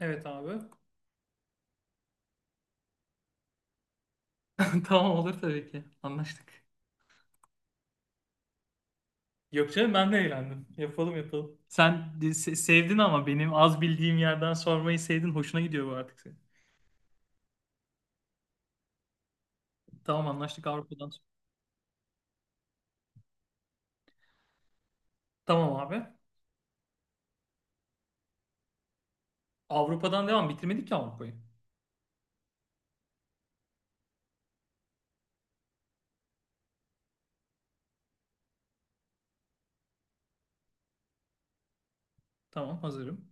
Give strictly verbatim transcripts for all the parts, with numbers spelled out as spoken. Evet abi. Tamam, olur tabii ki. Anlaştık. Yok canım, ben de eğlendim. Yapalım yapalım. Sen de- se- sevdin ama benim az bildiğim yerden sormayı sevdin. Hoşuna gidiyor bu artık senin. Tamam, anlaştık Avrupa'dan. Sonra. Tamam abi. Avrupa'dan devam. Bitirmedik ki Avrupa'yı. Tamam, hazırım.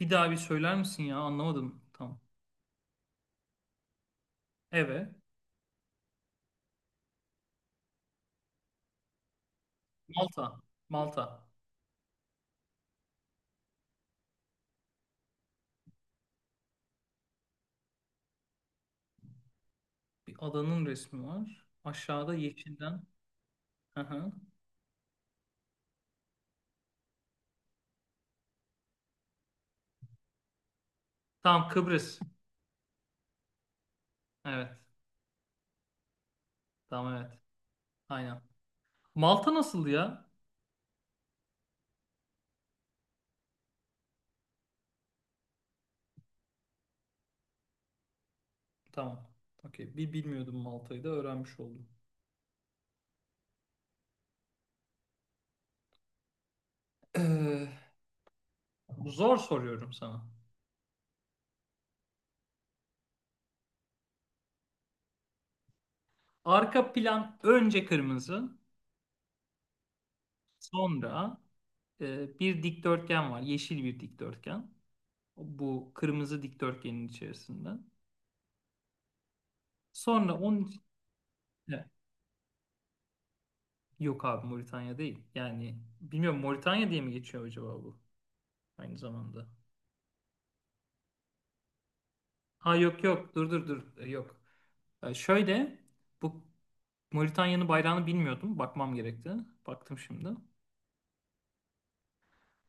Bir daha bir söyler misin ya? Anlamadım. Tamam. Evet. Malta. Malta. Bir adanın resmi var. Aşağıda yeşilden. Hı hı. Tamam, Kıbrıs. Evet. Tamam, evet. Aynen. Malta nasıldı ya? Tamam. Okey. Bir bilmiyordum, Malta'yı da öğrenmiş oldum. Ee, Zor soruyorum sana. Arka plan önce kırmızı, sonra e, bir dikdörtgen var. Yeşil bir dikdörtgen. Bu kırmızı dikdörtgenin içerisinde. Sonra onun iç- Ne? Yok abi, Moritanya değil. Yani bilmiyorum, Moritanya diye mi geçiyor acaba bu aynı zamanda? Ha yok yok, dur dur dur E, yok. E, şöyle, bu Moritanya'nın bayrağını bilmiyordum. Bakmam gerekti. Baktım şimdi.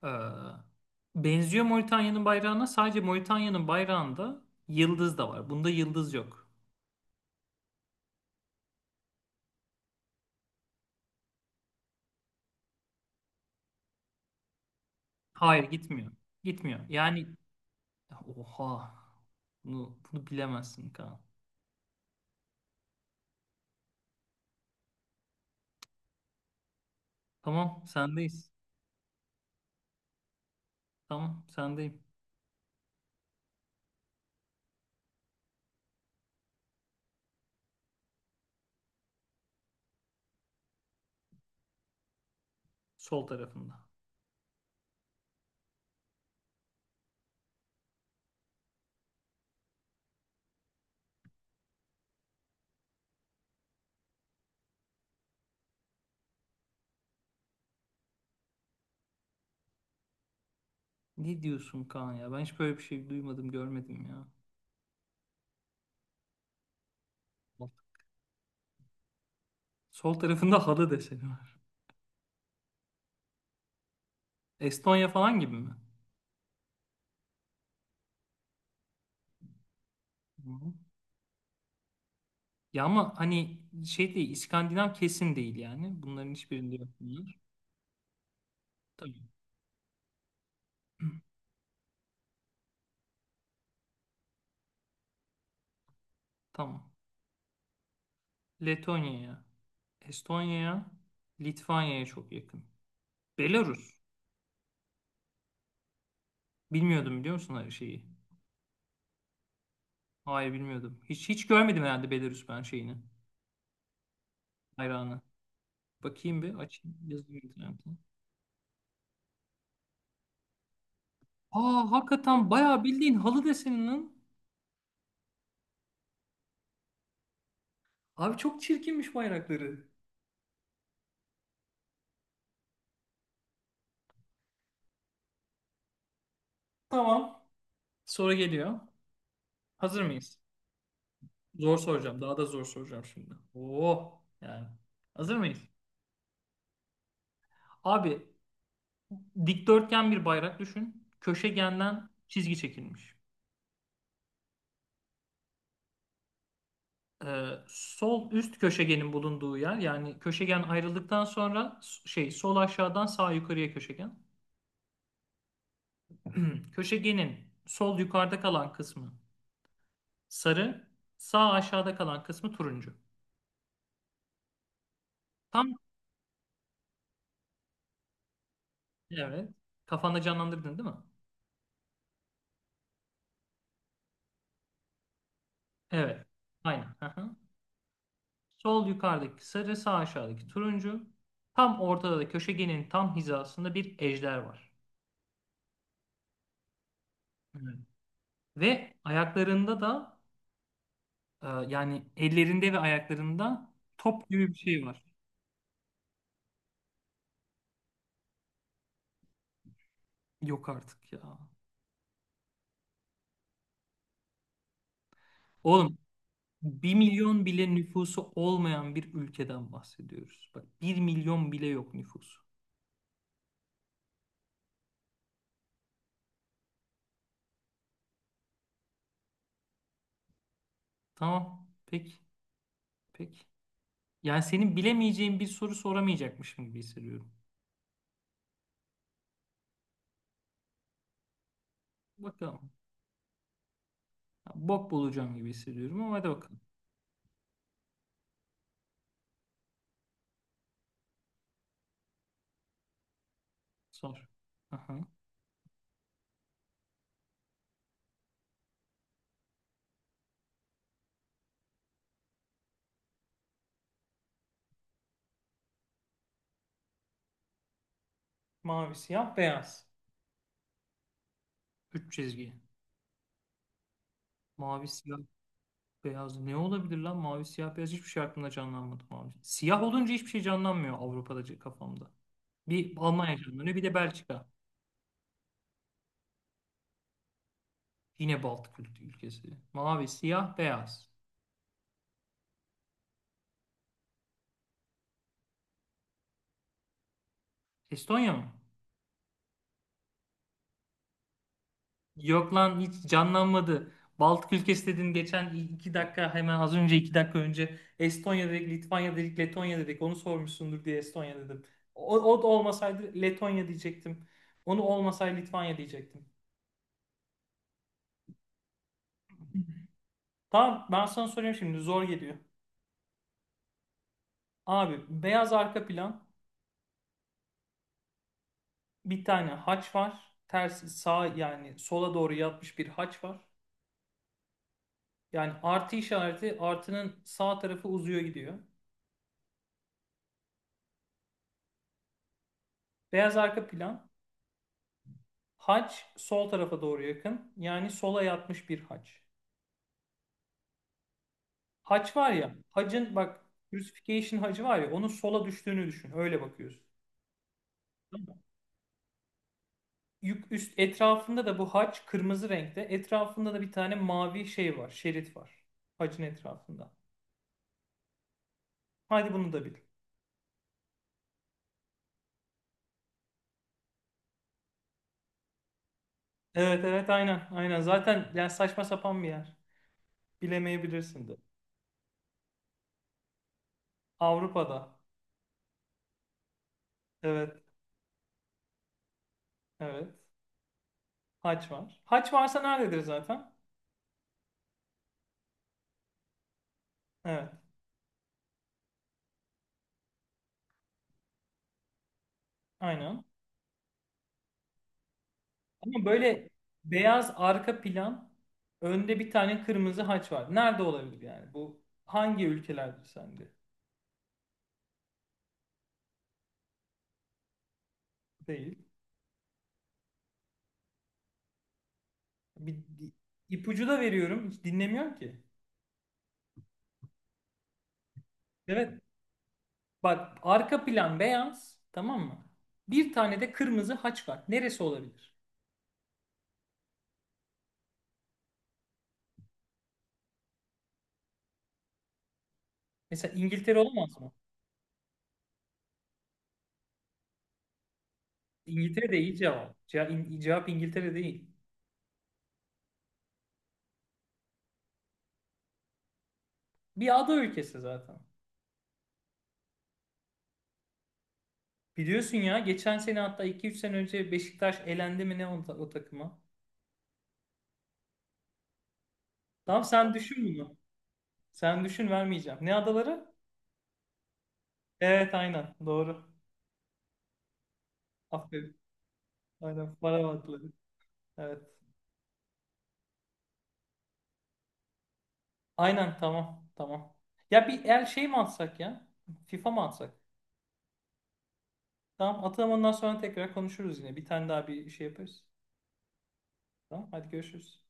Ee, benziyor Moritanya'nın bayrağına. Sadece Moritanya'nın bayrağında yıldız da var. Bunda yıldız yok. Hayır, gitmiyor. Gitmiyor. Yani oha. Bunu, bunu bilemezsin Kaan. Tamam, sendeyiz. Tamam, sendeyim. Sol tarafında. Ne diyorsun Kaan ya? Ben hiç böyle bir şey duymadım, görmedim ya. Sol tarafında halı deseni var. Estonya falan gibi mi? Hı. Ya ama hani şey değil, İskandinav kesin değil yani. Bunların hiçbirinde yok bunlar. Tabii. Tamam. Letonya'ya, Estonya'ya, Litvanya'ya çok yakın. Belarus. Bilmiyordum, biliyor musun her şeyi? Hayır bilmiyordum. Hiç hiç görmedim herhalde Belarus ben şeyini. Bayrağını. Bakayım bir açayım. Yazıyor internette. Aa, hakikaten bayağı bildiğin halı deseninin. Abi, çok çirkinmiş bayrakları. Tamam. Soru geliyor. Hazır mıyız? Zor soracağım. Daha da zor soracağım şimdi. Oo yani. Hazır mıyız? Abi, dikdörtgen bir bayrak düşün. Köşegenden çizgi çekilmiş. Ee, sol üst köşegenin bulunduğu yer, yani köşegen ayrıldıktan sonra şey, sol aşağıdan sağ yukarıya köşegen. Köşegenin sol yukarıda kalan kısmı sarı, sağ aşağıda kalan kısmı turuncu. Tam, evet. Kafanda canlandırdın değil mi? Evet. Aynen. Aha. Sol yukarıdaki sarı, sağ aşağıdaki turuncu. Tam ortada da köşegenin tam hizasında bir ejder var. Evet. Ve ayaklarında da e, yani ellerinde ve ayaklarında top gibi bir şey var. Yok artık ya. Oğlum, bir milyon bile nüfusu olmayan bir ülkeden bahsediyoruz. Bak, bir milyon bile yok nüfusu. Tamam. Peki. Peki. Yani senin bilemeyeceğin bir soru soramayacakmışım gibi hissediyorum. Bakalım. Ya, bok bulacağım gibi hissediyorum ama hadi bakalım. Sor. Aha. Mavi, siyah, beyaz. Üç çizgi. Mavi, siyah. Beyaz ne olabilir lan? Mavi, siyah, beyaz, hiçbir şey aklımda canlanmadı. Mavi, siyah olunca hiçbir şey canlanmıyor Avrupa'da kafamda. Bir Almanya canlanıyor, bir de Belçika. Yine Baltık ül- ülkesi. Mavi, siyah, beyaz. Estonya mı? Yok lan, hiç canlanmadı. Baltık ülkesi dedin geçen iki dakika, hemen az önce iki dakika önce Estonya dedik, Litvanya dedik, Letonya dedik. Onu sormuşsundur diye Estonya dedim. O, o da olmasaydı Letonya diyecektim. Onu olmasaydı Litvanya diyecektim. Tamam, ben sana soruyorum şimdi zor geliyor. Abi, beyaz arka plan, bir tane haç var. Ters sağ, yani sola doğru yatmış bir haç var. Yani artı işareti, artının sağ tarafı uzuyor gidiyor. Beyaz arka plan, haç sol tarafa doğru yakın. Yani sola yatmış bir haç. Haç var ya, hacın bak, crucifixion hacı var ya, onun sola düştüğünü düşün. Öyle bakıyorsun. Tamam mı? Yük üst etrafında da bu haç kırmızı renkte. Etrafında da bir tane mavi şey var. Şerit var. Hacın etrafında. Hadi bunu da bil. Evet evet, aynen aynen zaten. Yani saçma sapan bir yer, bilemeyebilirsin de. Avrupa'da, evet evet, haç var. Haç varsa nerededir zaten? Evet, aynen, ama böyle beyaz arka plan, önde bir tane kırmızı haç var. Nerede olabilir yani bu, hangi ülkelerdir sende? Değil. Bir, bir ipucu da veriyorum, hiç dinlemiyor ki. Evet, bak, arka plan beyaz, tamam mı? Bir tane de kırmızı haç var, neresi olabilir? Mesela İngiltere olamaz mı? İngiltere'de iyi cevap. Ce- in- Cevap İngiltere değil. Bir ada ülkesi zaten. Biliyorsun ya, geçen sene, hatta iki üç sene önce Beşiktaş elendi mi ne o, ta- o takıma. Tamam, sen düşün bunu. Sen düşün, vermeyeceğim. Ne adaları? Evet, aynen doğru. Aferin. Aynen, para adaları. Evet. Aynen, tamam tamam. Ya bir el şey mi atsak ya? FIFA mı atsak? Tamam, atalım, ondan sonra tekrar konuşuruz yine. Bir tane daha bir şey yaparız. Tamam, hadi görüşürüz.